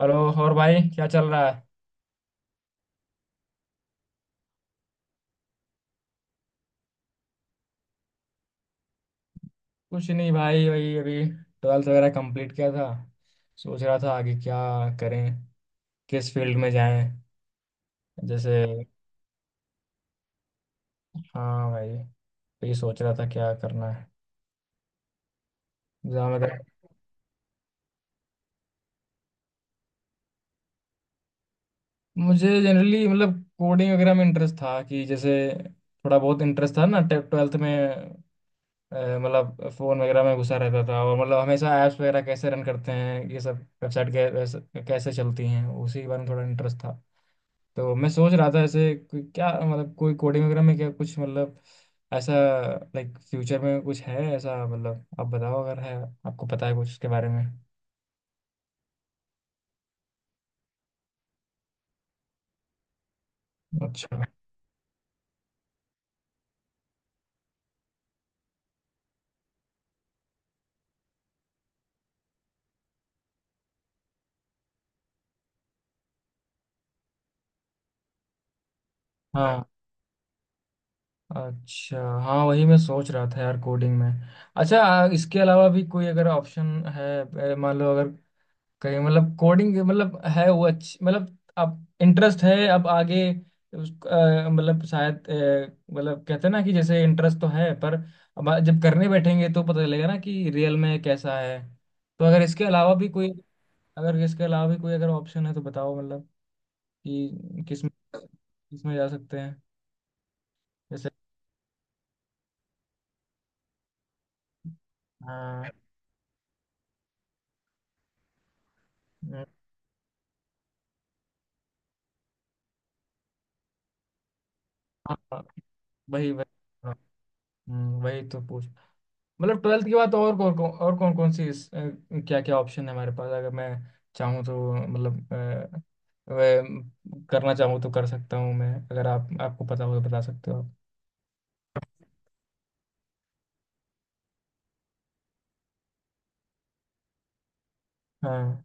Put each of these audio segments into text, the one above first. Hello. और भाई क्या चल रहा है। कुछ नहीं भाई, वही अभी ट्वेल्थ वगैरह कंप्लीट किया था। सोच रहा था आगे क्या करें, किस फील्ड में जाएं, जैसे। हाँ भाई, तो ये सोच रहा था क्या करना है, एग्जाम वगैरह। मुझे जनरली मतलब कोडिंग वगैरह में इंटरेस्ट था, कि जैसे थोड़ा बहुत इंटरेस्ट था ना ट्वेल्थ में। मतलब फ़ोन वगैरह में घुसा रहता था, और मतलब हमेशा ऐप्स वगैरह कैसे रन करते हैं, ये सब वेबसाइट कैसे चलती हैं उसी के बारे में थोड़ा इंटरेस्ट था। तो मैं सोच रहा था ऐसे क्या, मतलब कोई कोडिंग वगैरह में क्या कुछ मतलब, ऐसा। लाइक फ्यूचर में कुछ है ऐसा, मतलब आप बताओ अगर है, आपको पता है कुछ उसके बारे में। अच्छा। हाँ। अच्छा हाँ, वही मैं सोच रहा था यार, कोडिंग में। अच्छा, इसके अलावा भी कोई अगर ऑप्शन है। मान लो अगर कहीं, मतलब कोडिंग मतलब है वो अच्छी, मतलब आप इंटरेस्ट है अब आगे। मतलब शायद, मतलब कहते हैं ना कि जैसे इंटरेस्ट तो है, पर। अब जब करने बैठेंगे तो पता चलेगा ना कि रियल में कैसा है। तो अगर इसके अलावा भी कोई अगर इसके अलावा भी कोई अगर ऑप्शन है तो बताओ, मतलब कि किस में जा सकते हैं। जैसे। हाँ, हाँ, हाँ। वही वही। हाँ, वही तो पूछ। मतलब ट्वेल्थ के बाद तो और कौन कौन सी क्या क्या ऑप्शन है हमारे पास, अगर मैं चाहूँ तो, मतलब वह करना चाहूँ तो कर सकता हूँ मैं, अगर आप आपको पता हो तो बता सकते हो आप। हाँ,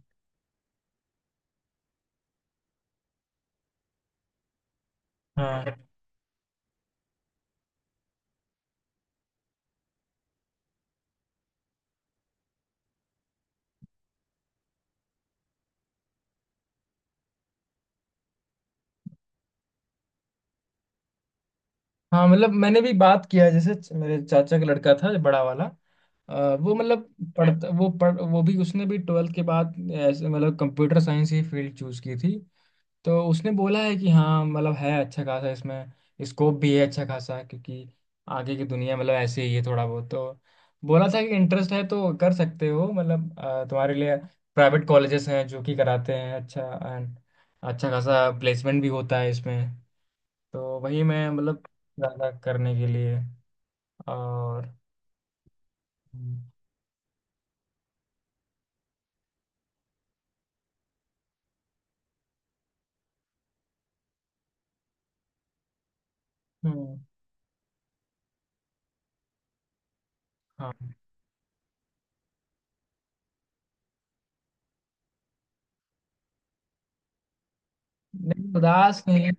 हाँ। हाँ, मतलब मैंने भी बात किया है, जैसे मेरे चाचा का लड़का था बड़ा वाला। वो मतलब पढ़ता वो पढ़ वो भी उसने भी ट्वेल्थ के बाद ऐसे मतलब कंप्यूटर साइंस ही फील्ड चूज की थी। तो उसने बोला है कि हाँ, मतलब है अच्छा खासा इसमें, स्कोप भी है अच्छा खासा, क्योंकि आगे की दुनिया मतलब ऐसे ही है थोड़ा बहुत, तो बोला था कि इंटरेस्ट है तो कर सकते हो, मतलब तुम्हारे लिए प्राइवेट कॉलेजेस हैं जो कि कराते हैं अच्छा। एंड अच्छा खासा प्लेसमेंट भी होता है इसमें, तो वही मैं मतलब ज़्यादा करने के लिए, और। हम्म। हाँ। नहीं उदास नहीं।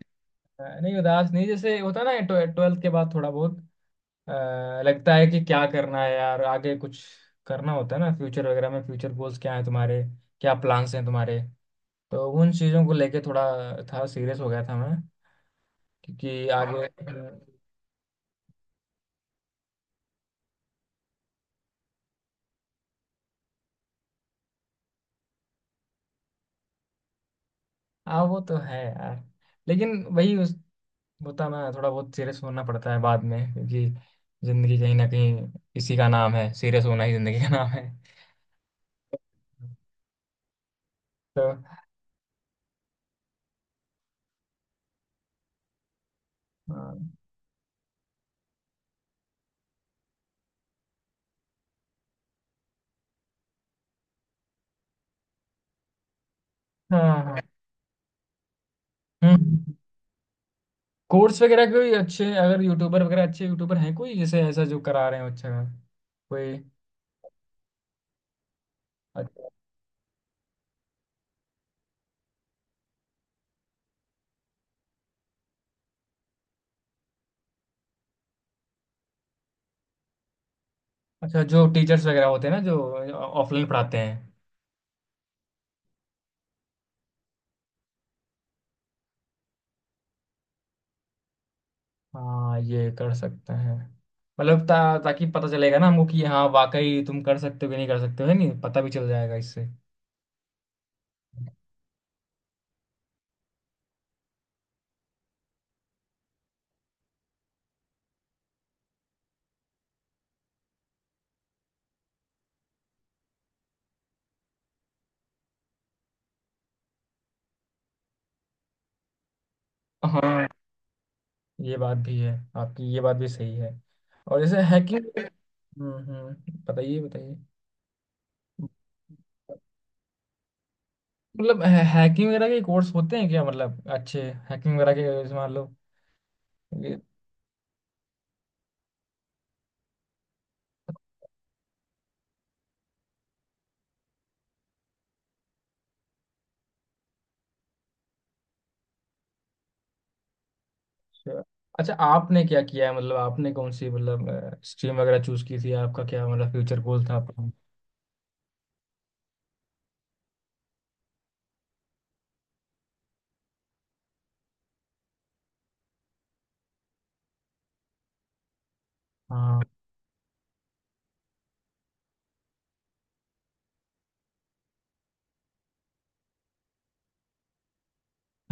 नहीं उदास नहीं, जैसे होता है ना ट्वेल्थ के बाद थोड़ा बहुत लगता है कि क्या करना है यार आगे, कुछ करना होता है ना फ्यूचर वगैरह में, फ्यूचर गोल्स क्या है तुम्हारे, क्या प्लान्स हैं तुम्हारे, तो उन चीज़ों को लेके थोड़ा था, सीरियस हो गया था मैं क्योंकि आगे। हाँ वो तो है यार, लेकिन वही उस होता ना थोड़ा बहुत सीरियस होना पड़ता है बाद में क्योंकि जिंदगी कहीं ना कहीं, इसी का नाम है, सीरियस होना ही जिंदगी का नाम है। तो। हाँ, हाँ, हाँ। हम्म कोर्स वगैरह कोई अच्छे, अगर यूट्यूबर वगैरह अच्छे यूट्यूबर हैं कोई जैसे, ऐसा जो करा रहे हो अच्छा खासा? कोई। अच्छा। अच्छा जो टीचर्स वगैरह होते हैं ना, जो ऑफलाइन पढ़ाते हैं। हाँ, ये कर सकते हैं, मतलब ताकि पता चलेगा ना हमको कि हाँ वाकई तुम कर सकते हो कि नहीं कर सकते हो, है नहीं, पता भी चल जाएगा इससे। हाँ, ये बात भी है, आपकी ये बात भी सही है। और जैसे हैकिंग, बताइए बताइए। मतलब हैकिंग वगैरह के कोर्स होते हैं क्या, मतलब अच्छे हैकिंग वगैरह के, जैसे मान लो ये। अच्छा। अच्छा, आपने क्या किया है, मतलब आपने कौन सी मतलब स्ट्रीम वगैरह चूज की थी, आपका क्या मतलब फ्यूचर गोल था आपका। हाँ,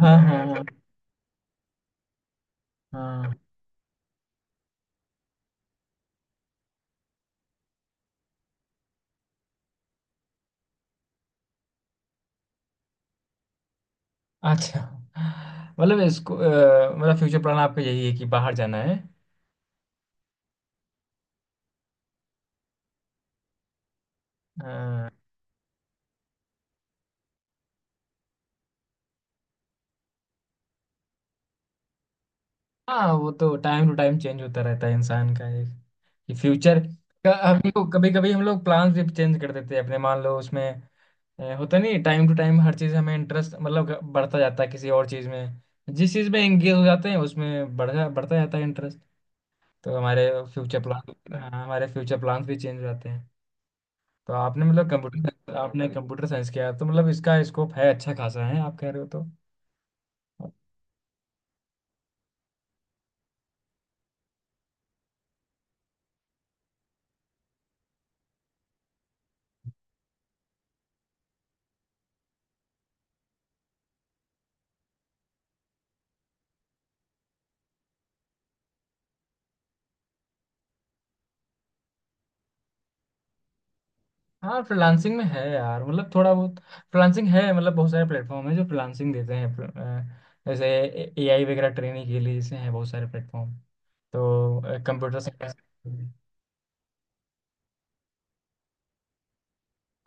हाँ, हाँ, हाँ, हाँ। अच्छा, मतलब इसको मतलब फ्यूचर प्लान आपका यही है कि बाहर जाना है। हाँ, हाँ, वो तो टाइम टू टाइम चेंज होता रहता है इंसान का एक फ्यूचर। कभी कभी हम लोग प्लान्स भी चेंज कर देते हैं अपने, मान लो उसमें होता नहीं टाइम टू टाइम, हर चीज हमें इंटरेस्ट मतलब बढ़ता जाता है किसी और चीज में। जिस चीज में एंगेज हो जाते हैं उसमें बढ़ता बढ़ता जाता है इंटरेस्ट, तो हमारे फ्यूचर प्लान, हाँ, हमारे फ्यूचर प्लान्स भी चेंज हो जाते हैं। तो आपने कंप्यूटर साइंस किया है, तो मतलब इसका स्कोप है अच्छा खासा है आप कह रहे हो तो। हाँ फ्रीलांसिंग में है यार, मतलब थोड़ा बहुत फ्रीलांसिंग है, मतलब बहुत सारे प्लेटफॉर्म है जो फ्रीलांसिंग देते हैं, जैसे एआई वगैरह ट्रेनिंग के लिए जैसे हैं बहुत सारे प्लेटफॉर्म, तो कंप्यूटर साइंस।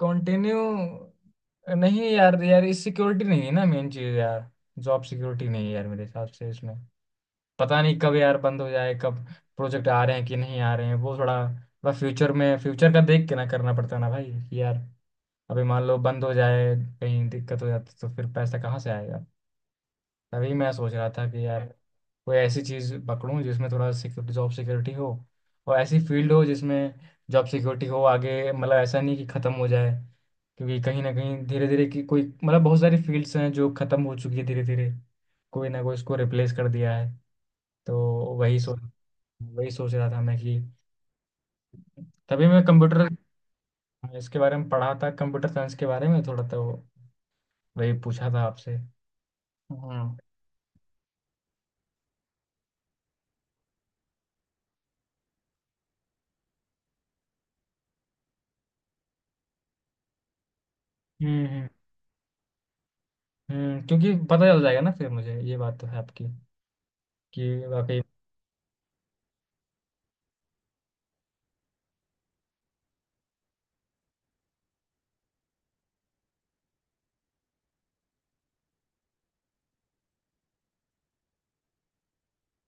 कंटिन्यू। नहीं यार यार, इस सिक्योरिटी नहीं है ना, मेन चीज यार। जॉब सिक्योरिटी नहीं है यार, मेरे हिसाब से इसमें पता नहीं कब यार बंद हो जाए, कब प्रोजेक्ट आ रहे हैं कि नहीं आ रहे हैं, वो थोड़ा, बस फ्यूचर में फ्यूचर का देख के ना करना पड़ता है ना भाई, कि यार अभी मान लो बंद हो जाए, कहीं दिक्कत हो जाती तो फिर पैसा कहाँ से आएगा। तभी मैं सोच रहा था कि यार कोई ऐसी चीज़ पकड़ूं जिसमें थोड़ा सिक्योरिटी जॉब सिक्योरिटी हो, और ऐसी फील्ड हो जिसमें जॉब सिक्योरिटी हो आगे, मतलब ऐसा नहीं कि ख़त्म हो जाए, क्योंकि कहीं ना कहीं धीरे धीरे की कोई मतलब बहुत सारी फील्ड्स हैं जो ख़त्म हो चुकी है धीरे धीरे, कोई ना कोई इसको रिप्लेस कर दिया है, तो वही सोच वही सोच रहा था मैं कि। तभी मैं कंप्यूटर इसके बारे में पढ़ा था, कंप्यूटर साइंस के बारे में थोड़ा, तो वही पूछा था आपसे। हम्म। हम्म क्योंकि पता चल जाएगा ना फिर मुझे, ये बात तो है आपकी कि वाकई।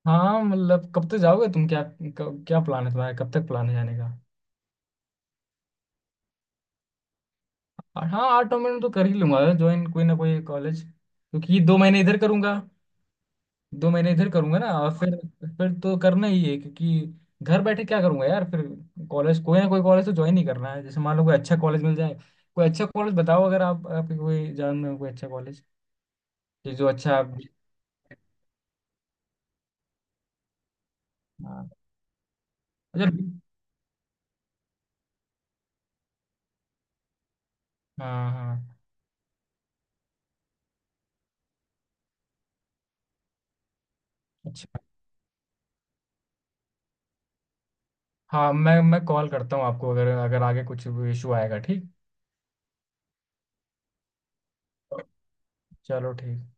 हाँ, मतलब कब तक जाओगे तुम, क्या क्या प्लान है तुम्हारा, कब तक प्लान है जाने का। और हाँ 8-9 महीने में तो कर ही लूंगा, ज्वाइन कोई ना कोई कॉलेज, क्योंकि 2 महीने इधर करूंगा, 2 महीने इधर करूंगा ना, और फिर तो करना ही है, क्योंकि घर बैठे क्या करूंगा यार फिर, कॉलेज कोई ना कोई कॉलेज तो ज्वाइन ही करना है, जैसे मान लो कोई अच्छा कॉलेज मिल जाए, कोई अच्छा कॉलेज बताओ, अगर आप आपके कोई जान में हो कोई अच्छा कॉलेज, कि जो अच्छा। हाँ। अच्छा। हाँ, हाँ। अच्छा। हाँ, मैं कॉल करता हूँ आपको अगर अगर आगे कुछ इशू आएगा, ठीक। चलो ठीक।